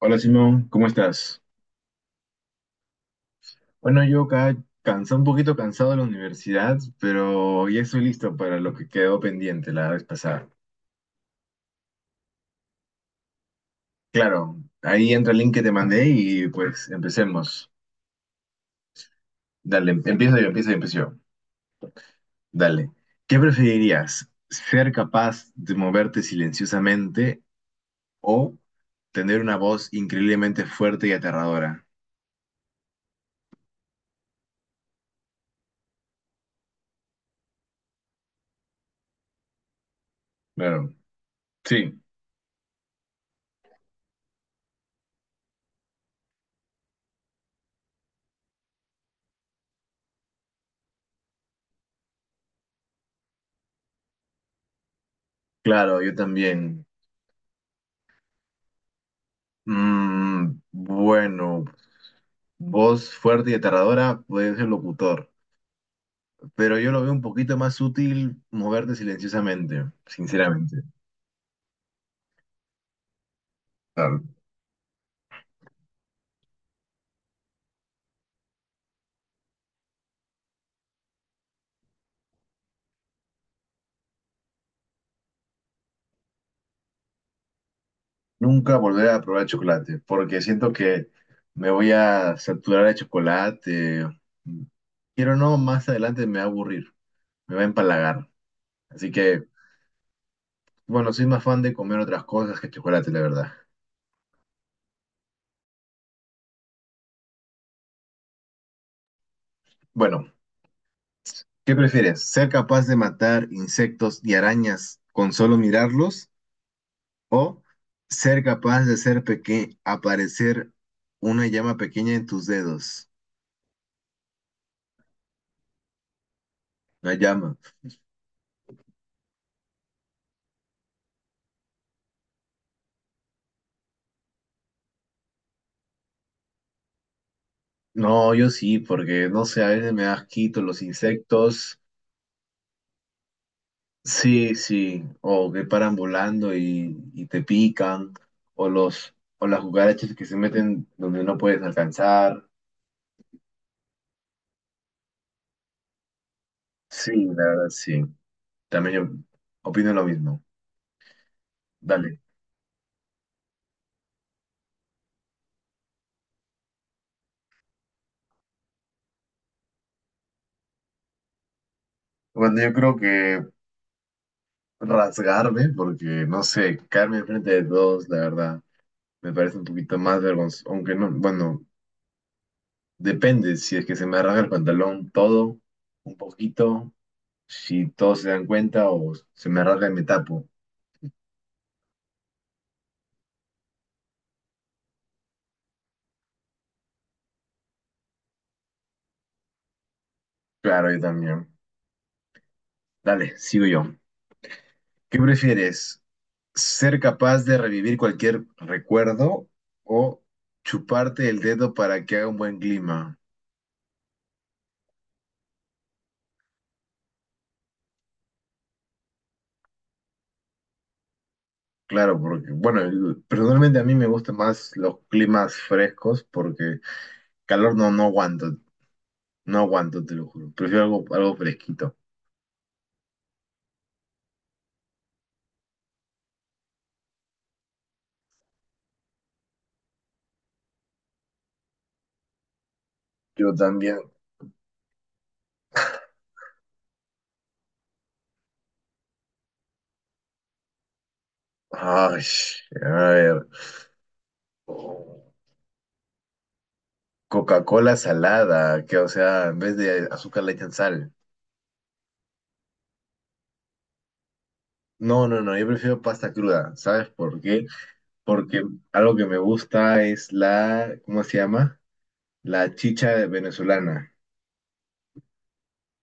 Hola Simón, ¿cómo estás? Bueno, yo acá cansado, un poquito cansado de la universidad, pero ya estoy listo para lo que quedó pendiente la vez pasada. Claro, ahí entra el link que te mandé y pues empecemos. Dale, empiezo yo, empiezo yo, empiezo yo. Dale. ¿Qué preferirías? ¿Ser capaz de moverte silenciosamente o tener una voz increíblemente fuerte y aterradora? Claro, sí, claro, yo también. Bueno. Voz fuerte y aterradora, puede ser locutor, pero yo lo veo un poquito más útil moverte silenciosamente, sinceramente. Claro. Nunca volver a probar chocolate, porque siento que me voy a saturar de chocolate. Quiero no, más adelante me va a aburrir, me va a empalagar. Así que, bueno, soy más fan de comer otras cosas que chocolate, la verdad. Bueno, ¿qué prefieres? ¿Ser capaz de matar insectos y arañas con solo mirarlos? O ser capaz de hacer peque aparecer una llama pequeña en tus dedos. Una llama. No, yo sí, porque no sé, a veces me da asquito los insectos. Sí, sí. O que paran volando y te pican. O los, o las cucarachas que se meten donde no puedes alcanzar. Sí, la verdad, sí. También yo opino lo mismo. Dale. Bueno, yo creo que rasgarme, porque no sé, caerme enfrente de todos, la verdad. Me parece un poquito más vergonzoso, aunque no, bueno, depende si es que se me arranca el pantalón todo, un poquito, si todos se dan cuenta o se me arranca y me tapo. Claro, yo también. Dale, sigo yo. ¿Qué prefieres? ¿Ser capaz de revivir cualquier recuerdo o chuparte el dedo para que haga un buen clima? Claro, porque, bueno, personalmente a mí me gustan más los climas frescos porque calor no, no aguanto, no aguanto, te lo juro. Prefiero algo, algo fresquito. Yo también. Ay, a ver. Coca-Cola salada, que o sea, en vez de azúcar le echan sal. No, no, no, yo prefiero pasta cruda. ¿Sabes por qué? Porque algo que me gusta es la, ¿cómo se llama? La chicha venezolana.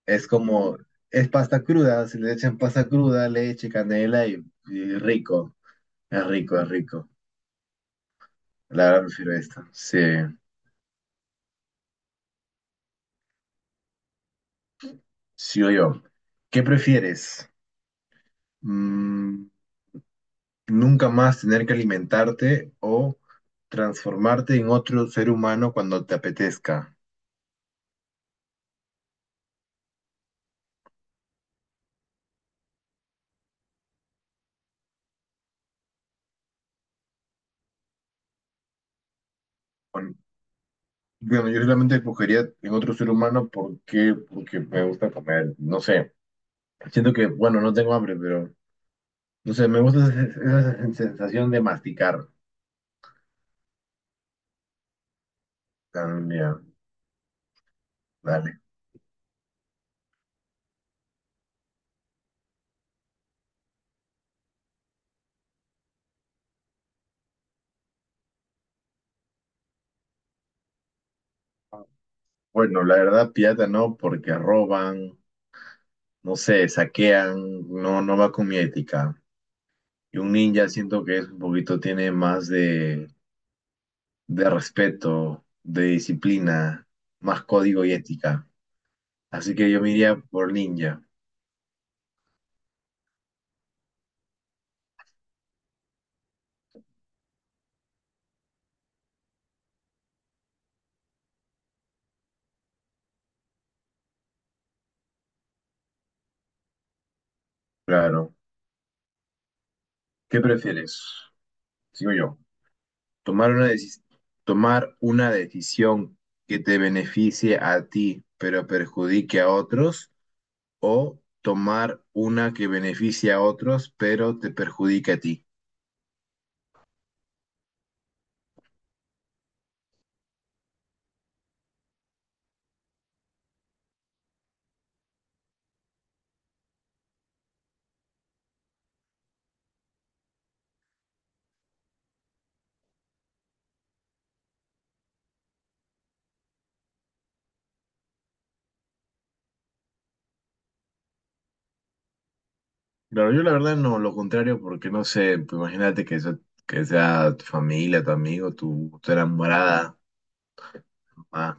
Es como, es pasta cruda, si le echan pasta cruda, leche, canela y rico. Es rico, es rico. La verdad prefiero esto. Sí, sí o yo. ¿Qué prefieres? Mm, Nunca más tener que alimentarte o transformarte en otro ser humano cuando te apetezca. Con- Bueno, yo realmente escogería en otro ser humano porque, porque me gusta comer. No sé, siento que, bueno, no tengo hambre, pero no sé, me gusta esa sensación de masticar. También, dale. Bueno, la verdad, pirata no, porque roban, no sé, saquean, no, no va con mi ética. Y un ninja siento que es un poquito, tiene más de respeto, de disciplina, más código y ética. Así que yo me iría por ninja, claro. ¿Qué prefieres? Sigo yo. Tomar una deci- tomar una decisión que te beneficie a ti, pero perjudique a otros, o tomar una que beneficie a otros, pero te perjudique a ti. Claro, yo la verdad no, lo contrario, porque no sé, pues imagínate que, que sea tu familia, tu amigo, tu enamorada, mamá.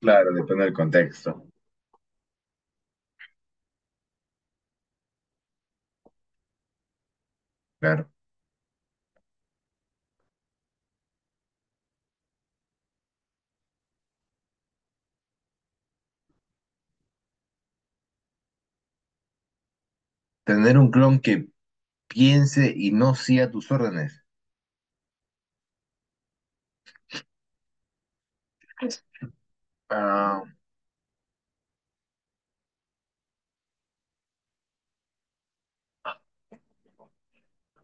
Claro, depende del contexto. Claro. Tener un clon que piense y no siga tus órdenes. Ah,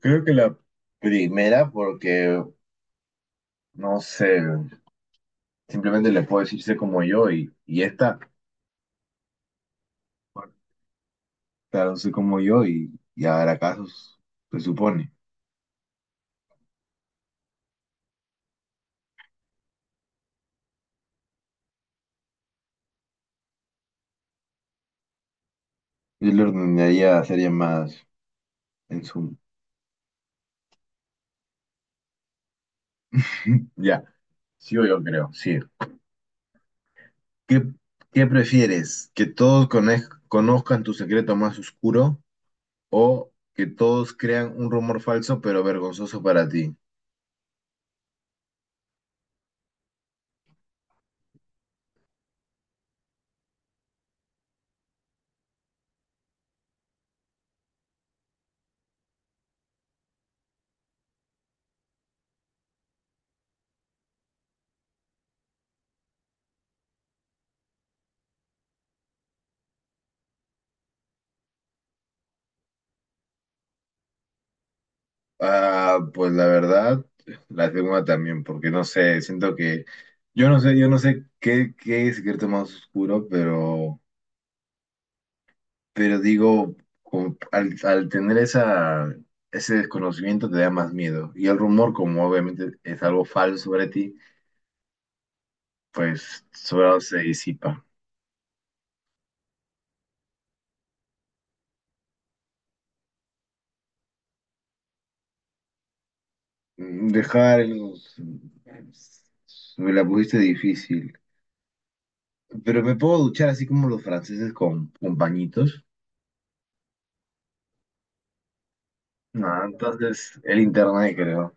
creo que la primera, porque no sé, simplemente le puedo decir sé como yo y esta, bueno, claro, sé como yo y habrá casos, se supone. Yo le ordenaría, sería más en su. Ya, sí o yo creo, sí. ¿Qué, qué prefieres? ¿Que todos conozcan tu secreto más oscuro o que todos crean un rumor falso pero vergonzoso para ti? Ah, pues la verdad, la segunda también, porque no sé, siento que, yo no sé qué, qué es secreto más oscuro, pero digo, como al, al tener esa, ese desconocimiento te da más miedo. Y el rumor, como obviamente es algo falso sobre ti, pues solo se disipa. Dejar los... pues, me la pusiste difícil. Pero me puedo duchar así como los franceses con pañitos. Ah, entonces el internet creo.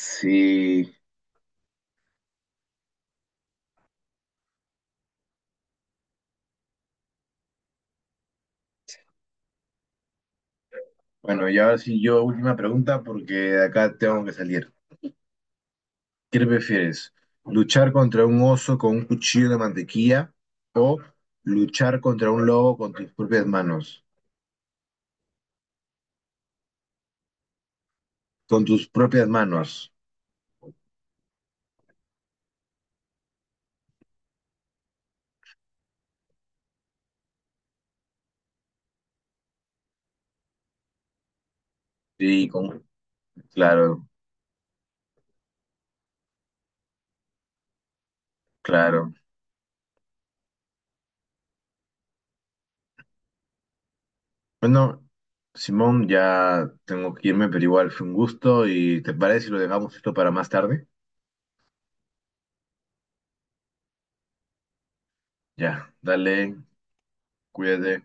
Sí. Bueno, y ahora sí yo última pregunta porque de acá tengo que salir. ¿Qué prefieres? ¿Luchar contra un oso con un cuchillo de mantequilla o luchar contra un lobo con tus propias manos? Con tus propias manos. Sí, con... Claro, claro. Bueno, Simón, ya tengo que irme, pero igual fue un gusto y ¿te parece si lo dejamos esto para más tarde? Ya, dale, cuídate.